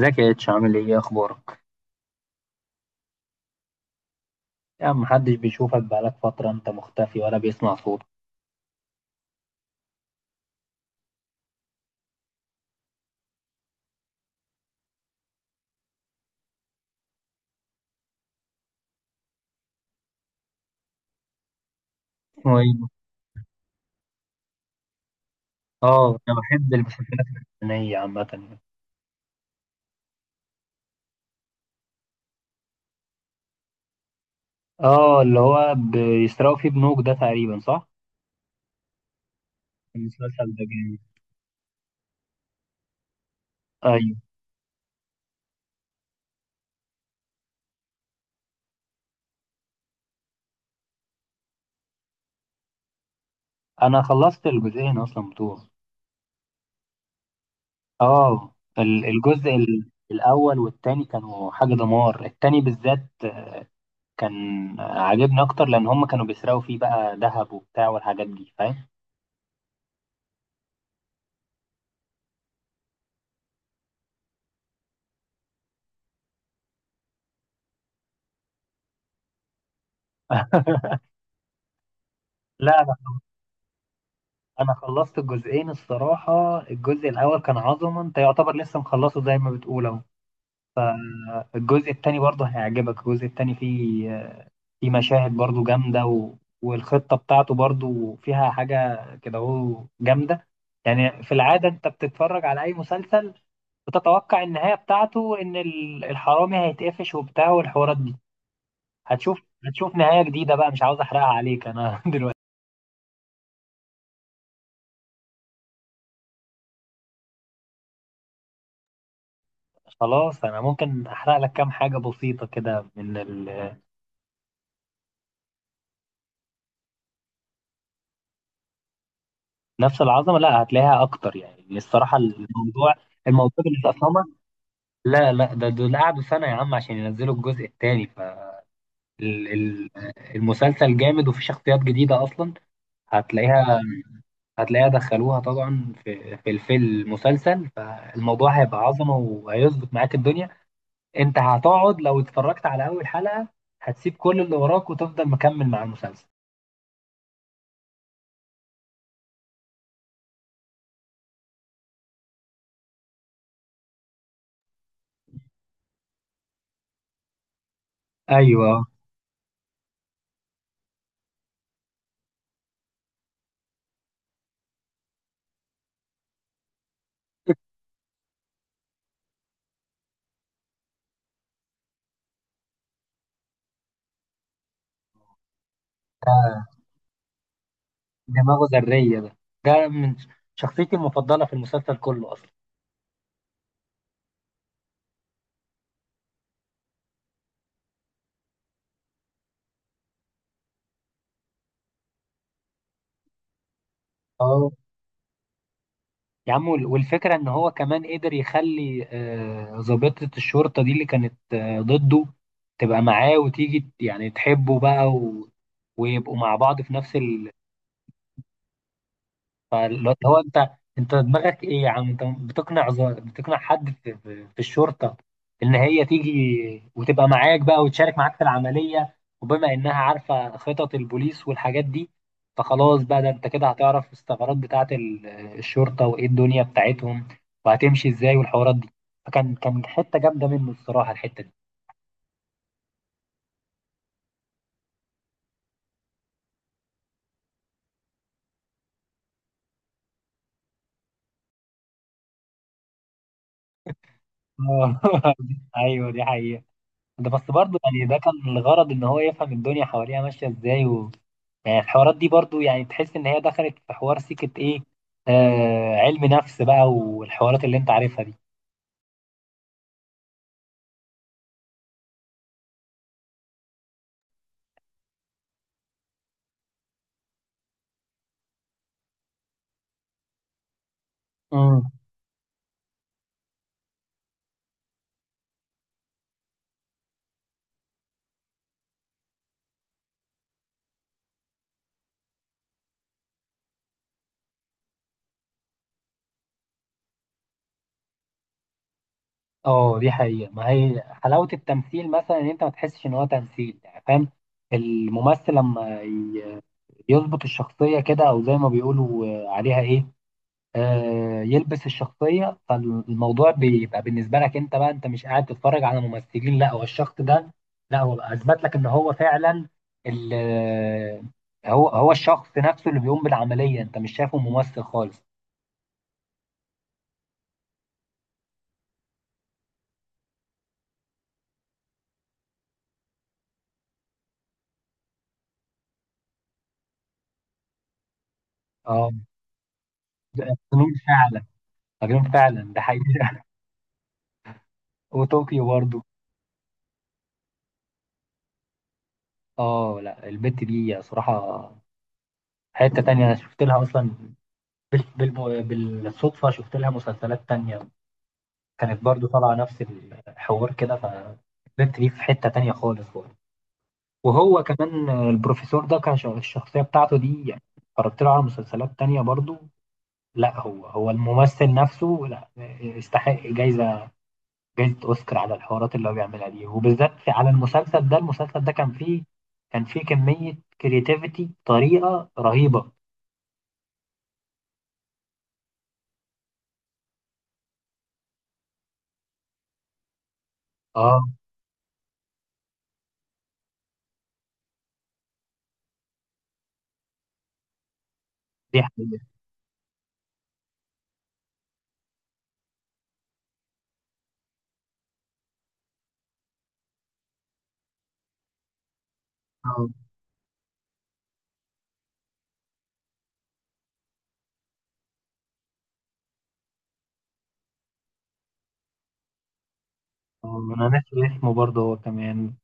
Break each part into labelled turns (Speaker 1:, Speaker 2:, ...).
Speaker 1: ازيك يا اتش، عامل ايه؟ اخبارك؟ يا عم، محدش بيشوفك، بقالك فترة انت مختفي ولا بيسمع صوتك. اسمه ايه؟ اه، انا بحب المسلسلات الفلسطينية عامة يعني. اه، اللي هو بيسرقوا فيه بنوك ده تقريبا، صح؟ المسلسل ده جامد. ايوه. انا خلصت الجزئين اصلا بتوعه. اه، الجزء الاول والتاني كانوا حاجة دمار، التاني بالذات كان عاجبني اكتر لان هم كانوا بيسرقوا فيه بقى ذهب وبتاع والحاجات دي، فاهم. لا، انا خلصت الجزئين الصراحه. الجزء الاول كان عظمه انت، يعتبر لسه مخلصه زي ما بتقول اهو. الجزء التاني برضه هيعجبك. الجزء التاني فيه مشاهد برضه جامده والخطه بتاعته برضه فيها حاجه كده اهو جامده. يعني في العاده انت بتتفرج على اي مسلسل، بتتوقع النهايه بتاعته ان الحرامي هيتقفش وبتاع والحوارات دي. هتشوف نهايه جديده بقى، مش عاوز احرقها عليك انا دلوقتي. خلاص، انا ممكن احرق لك كام حاجه بسيطه كده. نفس العظمه؟ لا، هتلاقيها اكتر يعني الصراحه. الموضوع بالنسبه، اصل هما، لا لا، ده دول قعدوا سنه يا عم عشان ينزلوا الجزء الثاني، فالمسلسل جامد وفي شخصيات جديده اصلا. هتلاقيها. هتلاقيها دخلوها طبعا في في المسلسل، فالموضوع هيبقى عظمه وهيظبط معاك الدنيا. انت هتقعد لو اتفرجت على اول حلقه، هتسيب كل اللي وراك وتفضل مكمل مع المسلسل. ايوه، دماغه ذريه ده. ده من شخصيتي المفضله في المسلسل كله اصلا. اه يا عم، والفكرة ان هو كمان قدر يخلي ضابطة الشرطة دي اللي كانت ضده، تبقى معاه وتيجي يعني تحبه بقى، و... ويبقوا مع بعض في نفس. فاللي هو انت، انت دماغك ايه يا عم؟ انت بتقنع بتقنع حد في الشرطه، ان هي تيجي وتبقى معاك بقى وتشارك معاك في العمليه، وبما انها عارفه خطط البوليس والحاجات دي، فخلاص بقى، ده انت كده هتعرف الثغرات بتاعه الشرطه، وايه الدنيا بتاعتهم وهتمشي ازاي والحوارات دي. فكان حته جامده منه الصراحه الحته دي. آه. ايوه دي حقيقه. ده بس برضه يعني ده كان الغرض ان هو يفهم الدنيا حواليها ماشيه ازاي. يعني الحوارات دي برضو يعني تحس ان هي دخلت في حوار سكة ايه، علم نفس بقى، والحوارات اللي انت عارفها دي. امم. اه، دي حقيقة، ما هي حلاوة التمثيل مثلا ان انت ما تحسش ان هو تمثيل يعني، فاهم. الممثل لما يظبط الشخصية كده، او زي ما بيقولوا عليها ايه، يلبس الشخصية، فالموضوع بيبقى بالنسبة لك انت، بقى انت مش قاعد تتفرج على ممثلين، لا هو الشخص ده. لا هو اثبت لك ان هو فعلا ال آه، هو الشخص نفسه اللي بيقوم بالعملية، انت مش شايفه ممثل خالص. اه. ده مجنون فعلا. مجنون فعلا ده حقيقي وطوكيو برضه. اه لا، البت دي صراحة حتة تانية انا شفت لها اصلا، بال... بال... بالصدفة شفت لها مسلسلات تانية، كانت برضو طالعة نفس الحوار كده، فالبنت دي في حتة تانية خالص برضه. وهو كمان البروفيسور ده كان الشخصية بتاعته دي، يعني اتفرجت له على مسلسلات تانية برضو. لا هو الممثل نفسه، لا يستحق جايزة، جايزة أوسكار على الحوارات اللي هو بيعملها دي، وبالذات على المسلسل ده. المسلسل ده كان فيه كمية كرياتيفيتي بطريقة رهيبة. اه دي حقيقة. اه، انا ناسي اسمه برضه هو كمان.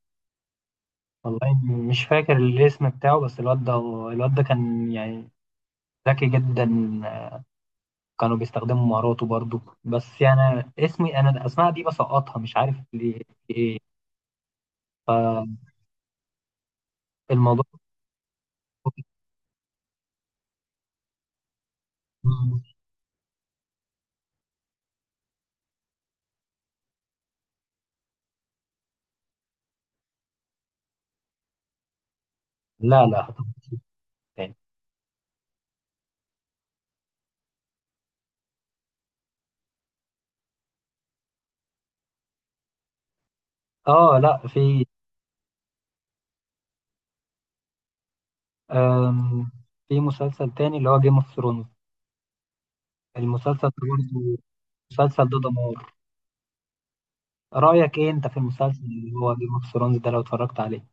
Speaker 1: والله، مش فاكر الاسم بتاعه، بس الواد ده، الواد ده كان يعني ذكي جدا، كانوا بيستخدموا مهاراته برضو، بس يعني اسمي انا، الاسماء دي بسقطها مش عارف ليه. الموضوع لا لا، هتبقى تاني. اه لا، في. آم. في مسلسل تاني اللي هو جيم اوف ثرونز، المسلسل ده برضه، المسلسل ده دمار. رأيك ايه انت في المسلسل اللي هو جيم اوف ثرونز ده لو اتفرجت عليه؟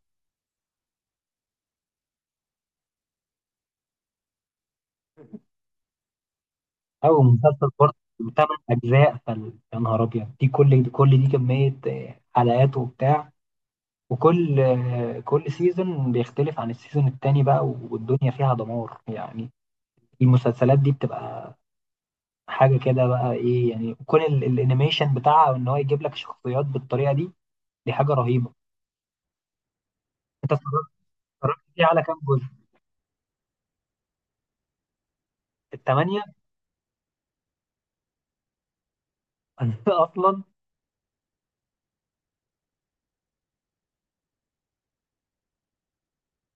Speaker 1: او مسلسل بارت، 8 اجزاء، يا نهار ابيض، دي كميه حلقات وبتاع، وكل آه، كل سيزون بيختلف عن السيزون التاني بقى، والدنيا فيها دمار يعني. المسلسلات دي بتبقى حاجه كده بقى، ايه يعني كون الانيميشن بتاعها ان هو يجيب لك شخصيات بالطريقه دي، دي حاجه رهيبه. انت اتفرجت، فيه على كام جزء؟ الثمانيه؟ اصلا.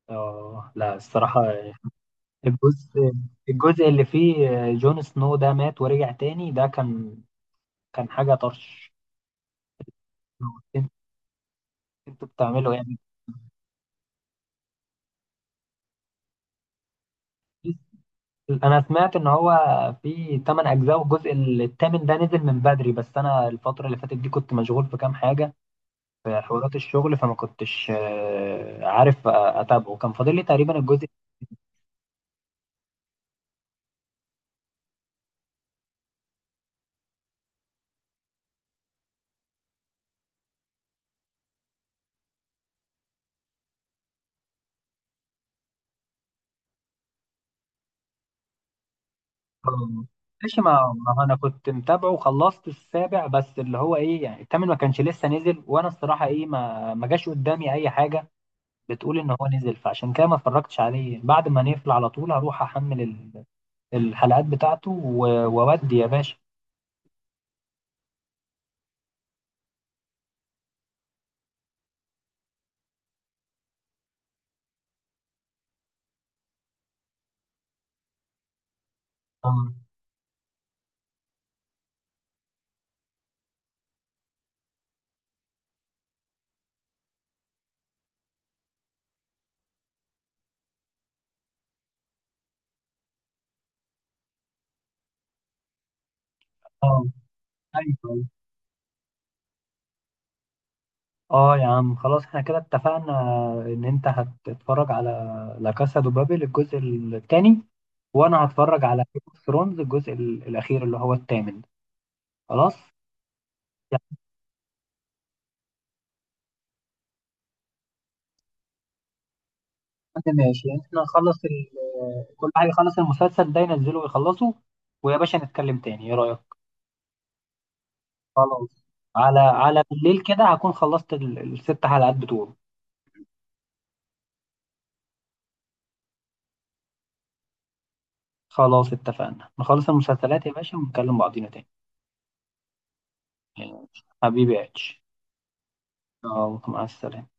Speaker 1: اه لا الصراحه، الجزء الجزء اللي فيه جون سنو ده مات ورجع تاني، ده كان حاجة طرش. انت- انتوا بتعملوا إيه؟ يعني. انا سمعت ان هو في 8 اجزاء، والجزء الثامن ده نزل من بدري، بس انا الفترة اللي فاتت دي كنت مشغول في كام حاجة، في حوارات الشغل، فما كنتش عارف اتابعه، كان فاضل لي تقريبا الجزء. آه، ماشي، ما انا كنت متابعه وخلصت السابع، بس اللي هو ايه يعني، الثامن ما كانش لسه نزل، وانا الصراحة ايه، ما جاش قدامي اي حاجة. بتقول ان هو نزل، فعشان كده ما اتفرجتش عليه. بعد ما نقفل على طول هروح احمل الحلقات بتاعته واودي يا باشا. اه. اه. ايوه. اه يا عم، خلاص احنا كده اتفقنا ان انت هتتفرج على لا كاسا دو بابل الجزء الثاني، وانا هتفرج على جيم اوف ثرونز الجزء الاخير اللي هو الثامن. خلاص. يا عم ماشي، احنا نخلص كل حاجه، يخلص المسلسل ده، ينزله ويخلصه، ويا باشا نتكلم تاني، ايه رايك؟ خلاص. على بالليل كده هكون خلصت الست حلقات بتوعه. خلاص اتفقنا نخلص المسلسلات يا باشا، ونكلم بعضينا تاني. ماشي. حبيبي يا اتش. يلا، مع السلامة.